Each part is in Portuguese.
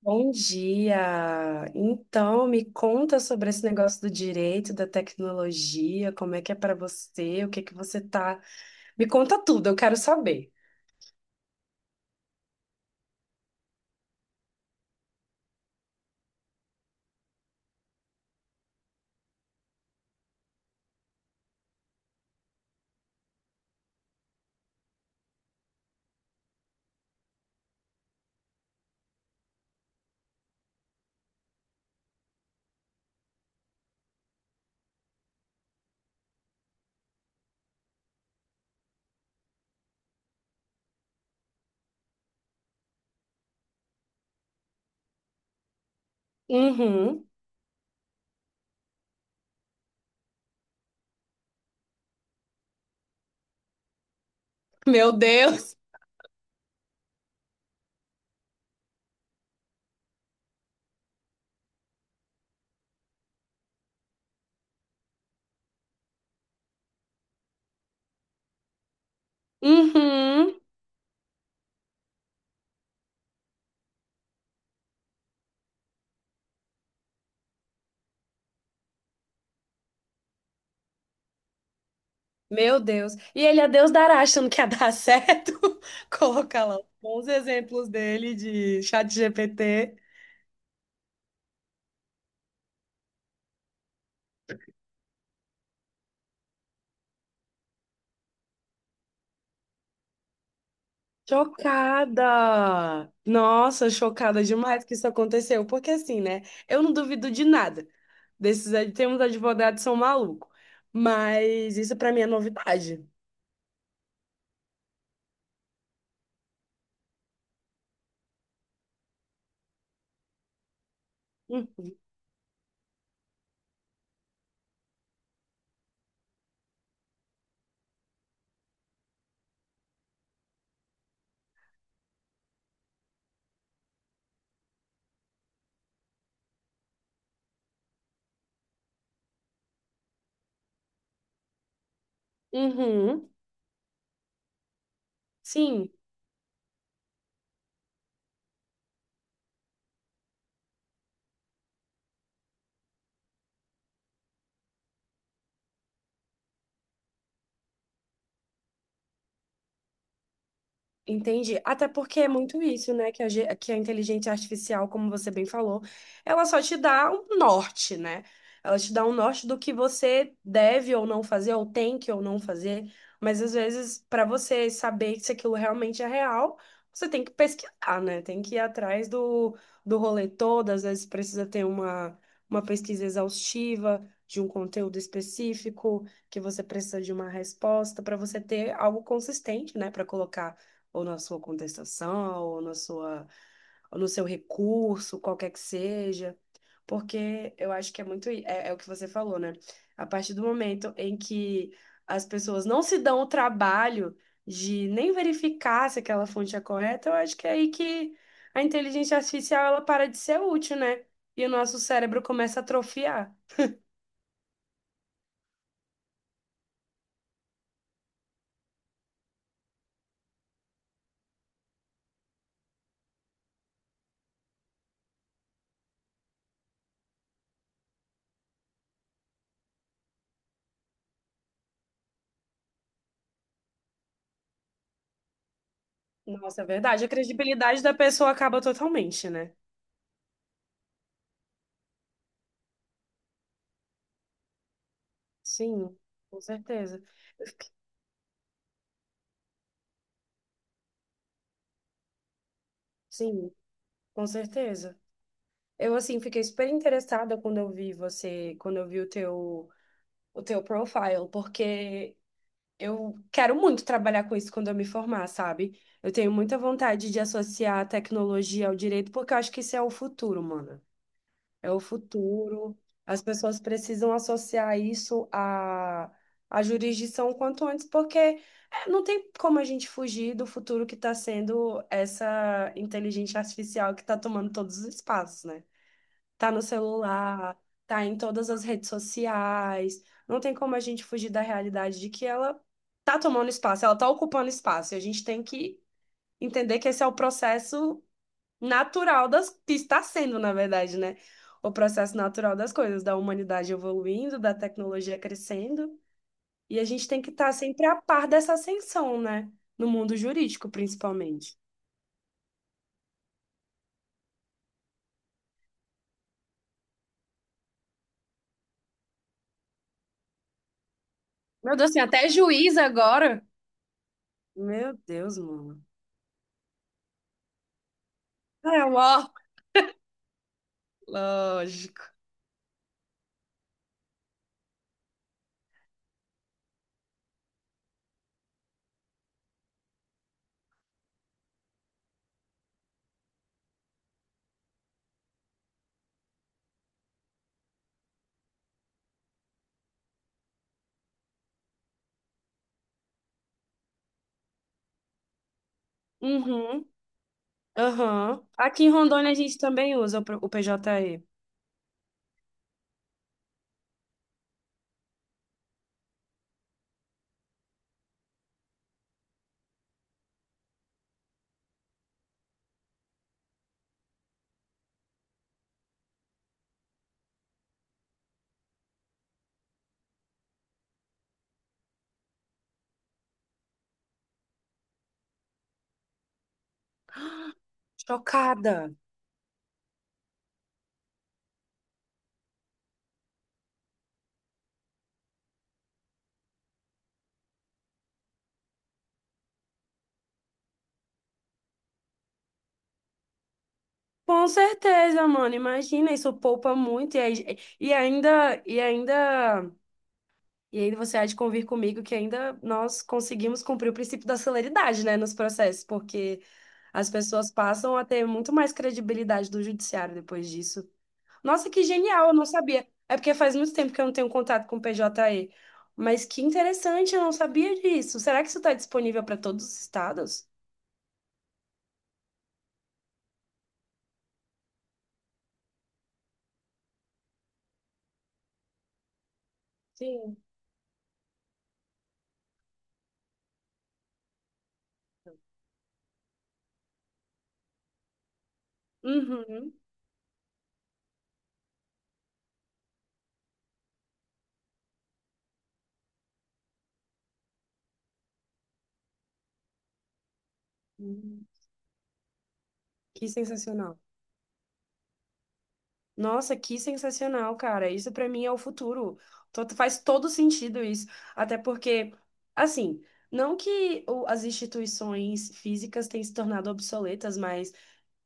Bom dia! Então, me conta sobre esse negócio do direito, da tecnologia, como é que é para você, o que é que você tá. Me conta tudo, eu quero saber. Uhum. Meu Deus! Uhum. Meu Deus! E ele é Deus dará, achando que ia dar certo. Coloca lá bons exemplos dele de chat GPT. Chocada! Nossa, chocada demais que isso aconteceu. Porque assim, né? Eu não duvido de nada. Desses, tem uns advogados que são malucos. Mas isso pra mim é novidade. Hum. Uhum. Sim. Entendi. Até porque é muito isso, né? Que a inteligência artificial, como você bem falou, ela só te dá um norte, né? Ela te dá um norte do que você deve ou não fazer, ou tem que ou não fazer. Mas às vezes, para você saber se aquilo realmente é real, você tem que pesquisar, né? Tem que ir atrás do rolê todo. Às vezes precisa ter uma pesquisa exaustiva de um conteúdo específico, que você precisa de uma resposta para você ter algo consistente, né? Para colocar ou na sua contestação, ou no seu recurso, qualquer que seja, porque eu acho que é é o que você falou, né? A partir do momento em que as pessoas não se dão o trabalho de nem verificar se aquela fonte é correta, eu acho que é aí que a inteligência artificial ela para de ser útil, né? E o nosso cérebro começa a atrofiar. Nossa, é verdade. A credibilidade da pessoa acaba totalmente, né? Sim, com certeza. Eu fiquei- Sim. Com certeza. Eu assim fiquei super interessada quando eu vi você, quando eu vi o teu profile, porque eu quero muito trabalhar com isso quando eu me formar, sabe? Eu tenho muita vontade de associar a tecnologia ao direito, porque eu acho que isso é o futuro, mano. É o futuro. As pessoas precisam associar à jurisdição o quanto antes, porque não tem como a gente fugir do futuro que está sendo essa inteligência artificial que está tomando todos os espaços, né? Tá no celular, tá em todas as redes sociais. Não tem como a gente fugir da realidade de que ela tá tomando espaço, ela tá ocupando espaço. E a gente tem que entender que esse é o processo natural das que está sendo, na verdade, né? O processo natural das coisas, da humanidade evoluindo, da tecnologia crescendo. E a gente tem que estar sempre a par dessa ascensão, né? No mundo jurídico, principalmente. Meu Deus, tem até juiz agora. Meu Deus, mano. É, ó, lógico. Uhum, aham. Aqui em Rondônia a gente também usa o PJE. Chocada. Com certeza, mano. Imagina, isso poupa muito. E ainda. E aí você há de convir comigo que ainda nós conseguimos cumprir o princípio da celeridade, né, nos processos, porque as pessoas passam a ter muito mais credibilidade do judiciário depois disso. Nossa, que genial, eu não sabia. É porque faz muito tempo que eu não tenho contato com o PJE. Mas que interessante, eu não sabia disso. Será que isso está disponível para todos os estados? Sim. Uhum. Uhum. Que sensacional. Nossa, que sensacional, cara. Isso para mim é o futuro. Faz todo sentido isso. Até porque, assim, não que as instituições físicas tenham se tornado obsoletas, mas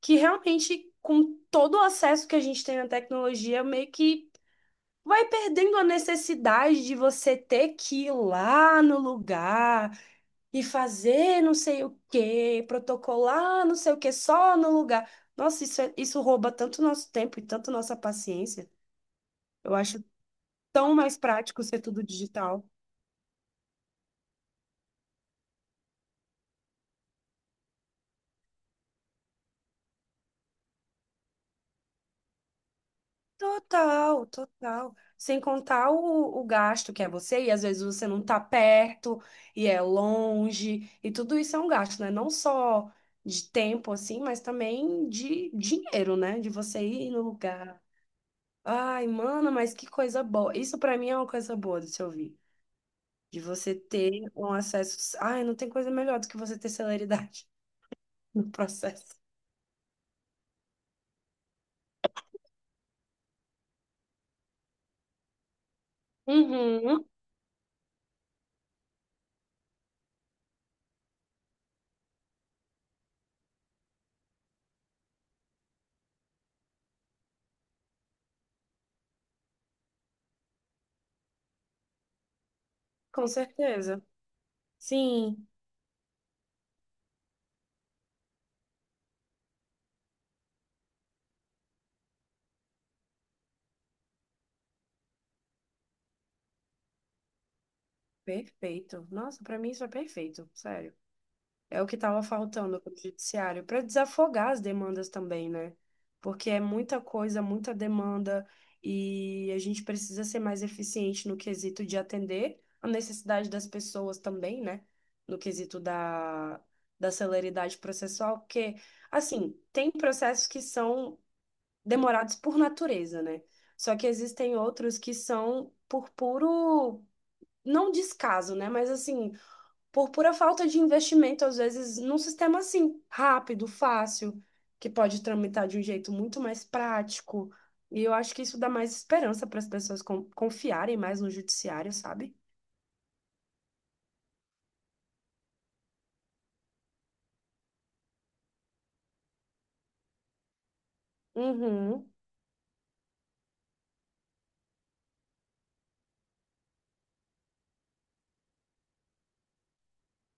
que realmente, com todo o acesso que a gente tem à tecnologia, meio que vai perdendo a necessidade de você ter que ir lá no lugar e fazer não sei o quê, protocolar não sei o quê, só no lugar. Nossa, isso rouba tanto nosso tempo e tanto nossa paciência. Eu acho tão mais prático ser tudo digital. Total, total. Sem contar o gasto que é você, e às vezes você não tá perto e é longe, e tudo isso é um gasto, né? Não só de tempo, assim, mas também de dinheiro, né? De você ir no lugar. Ai, mano, mas que coisa boa. Isso pra mim é uma coisa boa de se ouvir. De você ter um acesso. Ai, não tem coisa melhor do que você ter celeridade no processo. Uhum, com certeza. Sim, perfeito. Nossa, pra mim isso é perfeito, sério. É o que estava faltando para o judiciário, para desafogar as demandas também, né? Porque é muita coisa, muita demanda, e a gente precisa ser mais eficiente no quesito de atender a necessidade das pessoas também, né? No quesito da celeridade processual, porque, assim, tem processos que são demorados por natureza, né? Só que existem outros que são por puro, não descaso, né? Mas assim por pura falta de investimento, às vezes, num sistema assim, rápido, fácil, que pode tramitar de um jeito muito mais prático. E eu acho que isso dá mais esperança para as pessoas confiarem mais no judiciário, sabe? Uhum,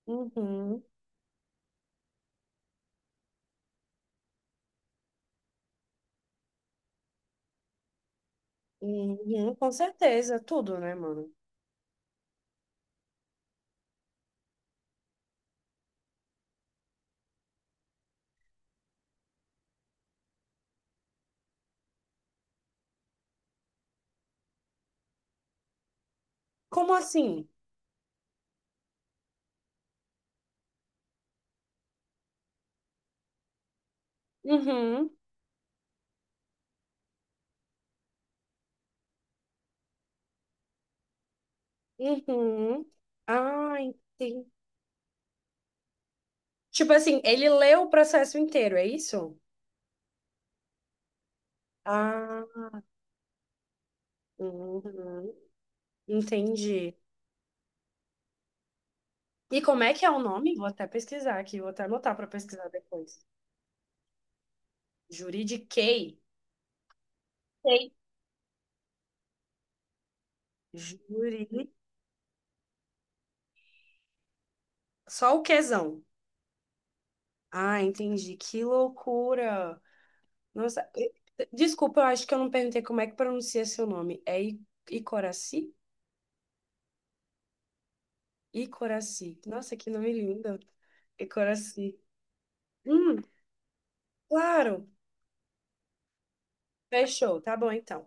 uhum, uhum, com certeza, tudo, né, mano? Como assim? Uhum, uhum. Ah, entendi. Tipo assim, ele leu o processo inteiro, é isso? Ah, uhum, entendi. E como é que é o nome? Vou até pesquisar aqui, vou até anotar para pesquisar depois. Juridiquei. Sei. Juri. Só o quezão. Ah, entendi. Que loucura. Nossa. Desculpa, eu acho que eu não perguntei como é que pronuncia seu nome. Icoraci? Icoraci. Nossa, que nome lindo. Icoraci. Hum, claro. Fechou. Tá bom, então.